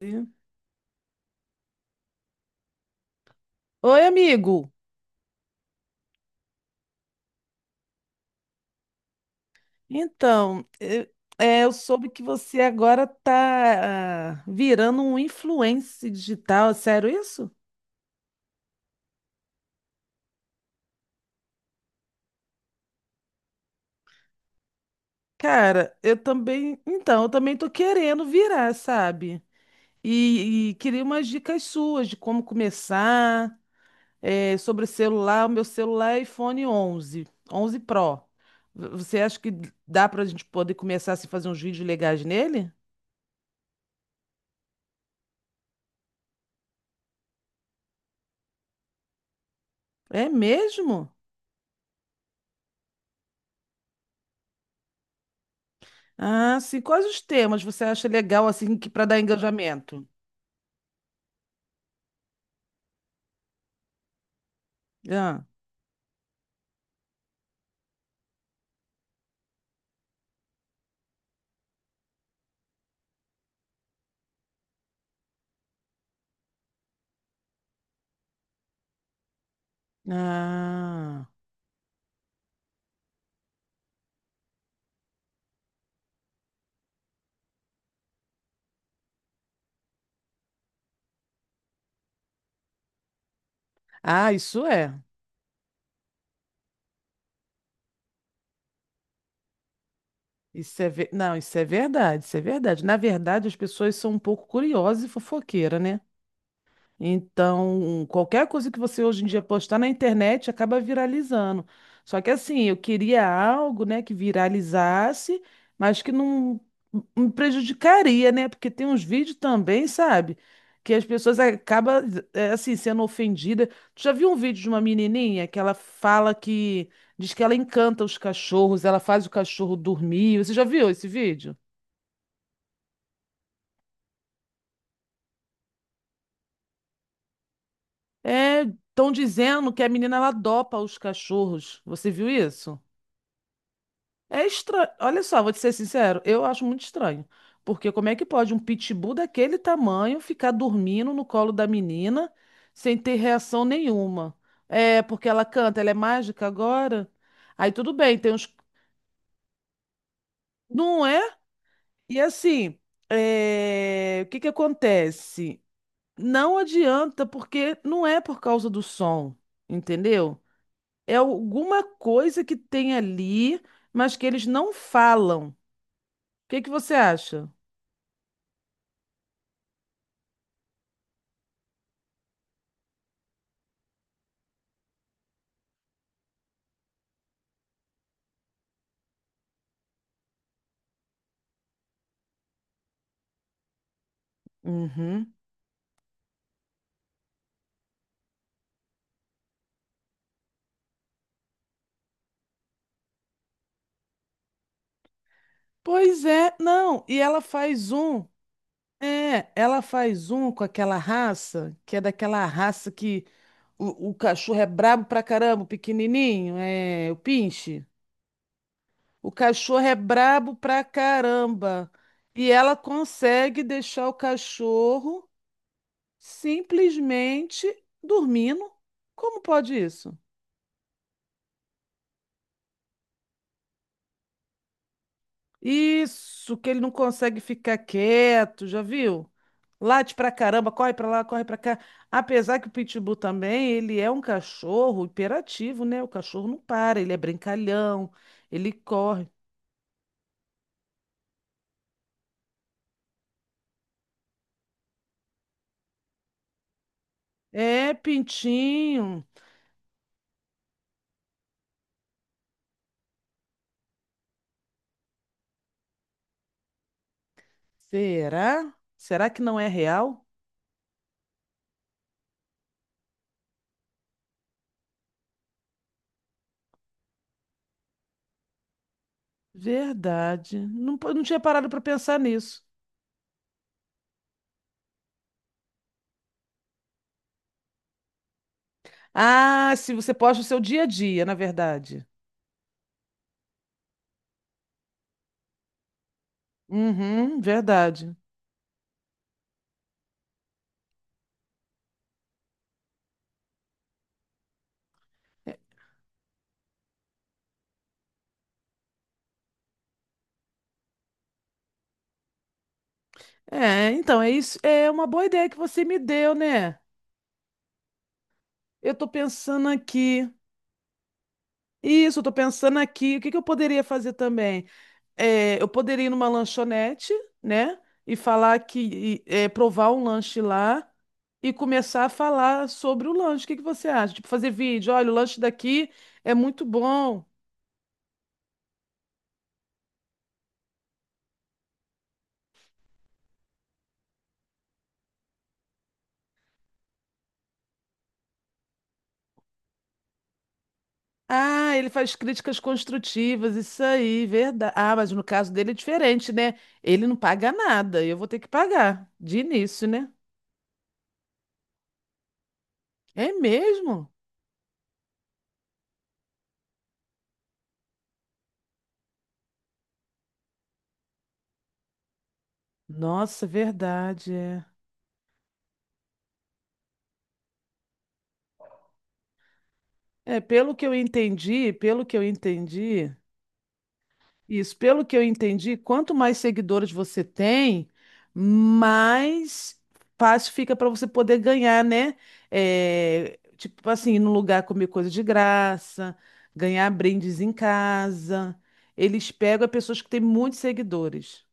Oi, amigo. Então, eu soube que você agora tá virando um influencer digital. É sério isso? Cara, eu também. Então, eu também tô querendo virar, sabe? E queria umas dicas suas de como começar, sobre celular. O meu celular é iPhone 11, 11 Pro. Você acha que dá pra gente poder começar a fazer uns vídeos legais nele? É mesmo? Ah, sim. Quais os temas você acha legal assim que para dar engajamento? Ah, ah, ah, isso é. Não, isso é verdade, isso é verdade. Na verdade, as pessoas são um pouco curiosas e fofoqueiras, né? Então, qualquer coisa que você hoje em dia postar na internet acaba viralizando. Só que assim, eu queria algo, né, que viralizasse, mas que não me prejudicaria, né? Porque tem uns vídeos também, sabe? Que as pessoas acabam, assim, sendo ofendidas. Tu já viu um vídeo de uma menininha que ela fala que... Diz que ela encanta os cachorros, ela faz o cachorro dormir. Você já viu esse vídeo? É, estão dizendo que a menina, ela dopa os cachorros. Você viu isso? É estranho. Olha só, vou te ser sincero, eu acho muito estranho. Porque como é que pode um pitbull daquele tamanho ficar dormindo no colo da menina sem ter reação nenhuma? É, porque ela canta, ela é mágica agora? Aí tudo bem, tem uns. Não é? E assim, é, o que que acontece? Não adianta, porque não é por causa do som, entendeu? É alguma coisa que tem ali, mas que eles não falam. O que que você acha? Uhum. Pois é, não. E ela faz um. É, ela faz um com aquela raça, que é daquela raça que o cachorro é brabo pra caramba, o pequenininho, é, o pinche. O cachorro é brabo pra caramba. E ela consegue deixar o cachorro simplesmente dormindo. Como pode isso? Isso, que ele não consegue ficar quieto, já viu? Late pra caramba, corre pra lá, corre pra cá. Apesar que o Pitbull também, ele é um cachorro hiperativo, né? O cachorro não para, ele é brincalhão, ele corre. É, Pintinho. Será? Será que não é real? Verdade. Não, não tinha parado pra pensar nisso. Ah, se você posta o seu dia a dia, na verdade. Uhum, verdade. É, então, é isso. É uma boa ideia que você me deu, né? Eu tô pensando aqui. Isso, eu tô pensando aqui. O que que eu poderia fazer também? É, eu poderia ir numa lanchonete, né? E falar que, e, provar um lanche lá e começar a falar sobre o lanche. O que que você acha? Tipo, fazer vídeo. Olha, o lanche daqui é muito bom. Ah, ele faz críticas construtivas, isso aí, verdade. Ah, mas no caso dele é diferente, né? Ele não paga nada, eu vou ter que pagar de início, né? É mesmo? Nossa, verdade, é. É, pelo que eu entendi, pelo que eu entendi, isso, pelo que eu entendi, quanto mais seguidores você tem, mais fácil fica para você poder ganhar, né? É, tipo assim, ir no lugar comer coisa de graça, ganhar brindes em casa. Eles pegam pessoas que têm muitos seguidores.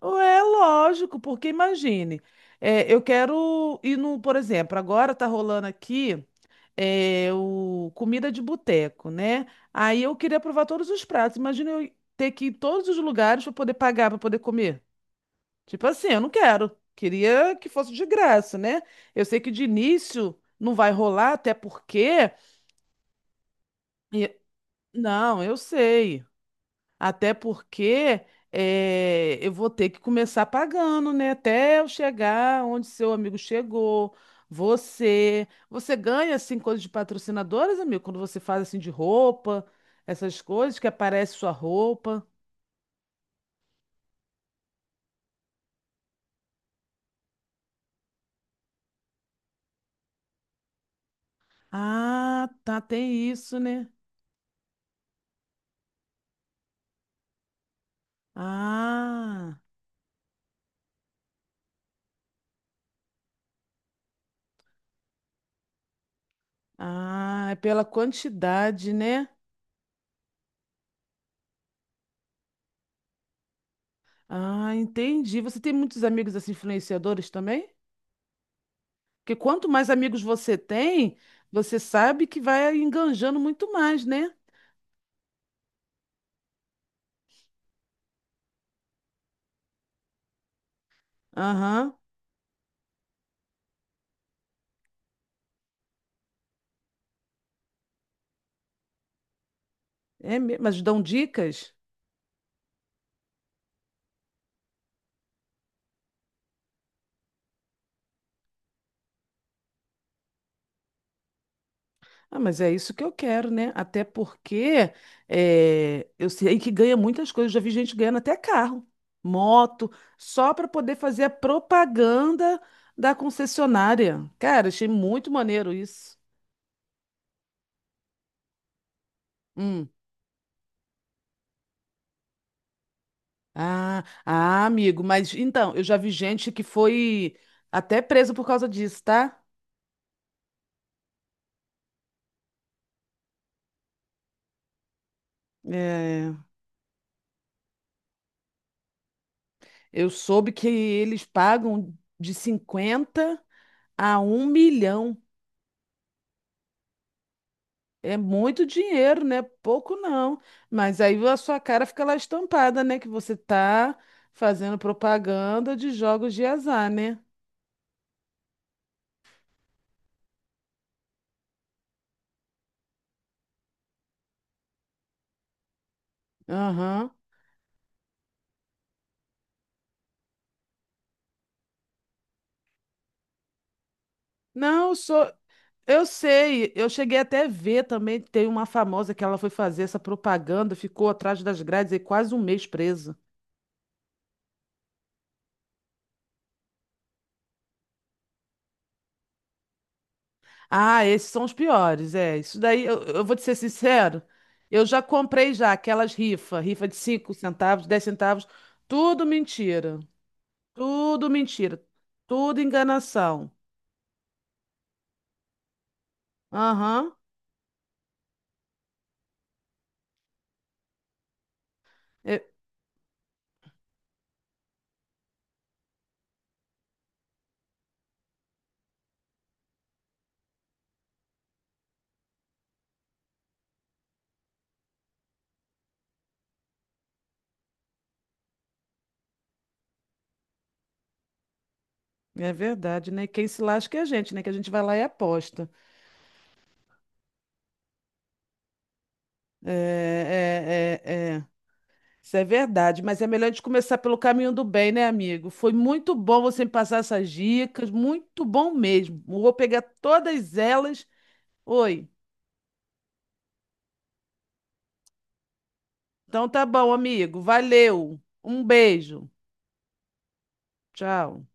É lógico, porque imagine, é, eu quero ir no, por exemplo, agora tá rolando aqui o comida de boteco, né? Aí eu queria provar todos os pratos. Imagina eu ter que ir em todos os lugares para poder pagar, para poder comer. Tipo assim, eu não quero. Queria que fosse de graça, né? Eu sei que de início não vai rolar, até porque. e- Não, eu sei. Até porque eu vou ter que começar pagando, né? Até eu chegar onde seu amigo chegou. Você ganha assim coisas de patrocinadores, amigo, quando você faz assim de roupa, essas coisas que aparece sua roupa. Ah, tá, tem isso, né? Ah, ah, é pela quantidade, né? Ah, entendi. Você tem muitos amigos assim influenciadores também? Porque quanto mais amigos você tem, você sabe que vai enganjando muito mais, né? Aham. É, mas dão dicas? Ah, mas é isso que eu quero, né? Até porque eu sei que ganha muitas coisas. Já vi gente ganhando até carro, moto, só para poder fazer a propaganda da concessionária. Cara, achei muito maneiro isso. Hum. Ah, ah, amigo, mas então, eu já vi gente que foi até presa por causa disso, tá? É. Eu soube que eles pagam de 50 a 1 milhão. É muito dinheiro, né? Pouco não. Mas aí a sua cara fica lá estampada, né? Que você tá fazendo propaganda de jogos de azar, né? Aham. Não, eu sou. Eu sei, eu cheguei até a ver também, tem uma famosa que ela foi fazer essa propaganda, ficou atrás das grades e quase um mês presa. Ah, esses são os piores, é. Isso daí, eu vou te ser sincero, eu já comprei já aquelas rifas, rifa de 5 centavos, 10 centavos, tudo mentira, tudo mentira, tudo enganação. Aham, é, é verdade, né? Quem se lasca é a gente, né? Que a gente vai lá e aposta. É, é, é, é. Isso é verdade, mas é melhor a gente começar pelo caminho do bem, né, amigo? Foi muito bom você me passar essas dicas, muito bom mesmo. Vou pegar todas elas. Oi. Então tá bom, amigo. Valeu. Um beijo. Tchau.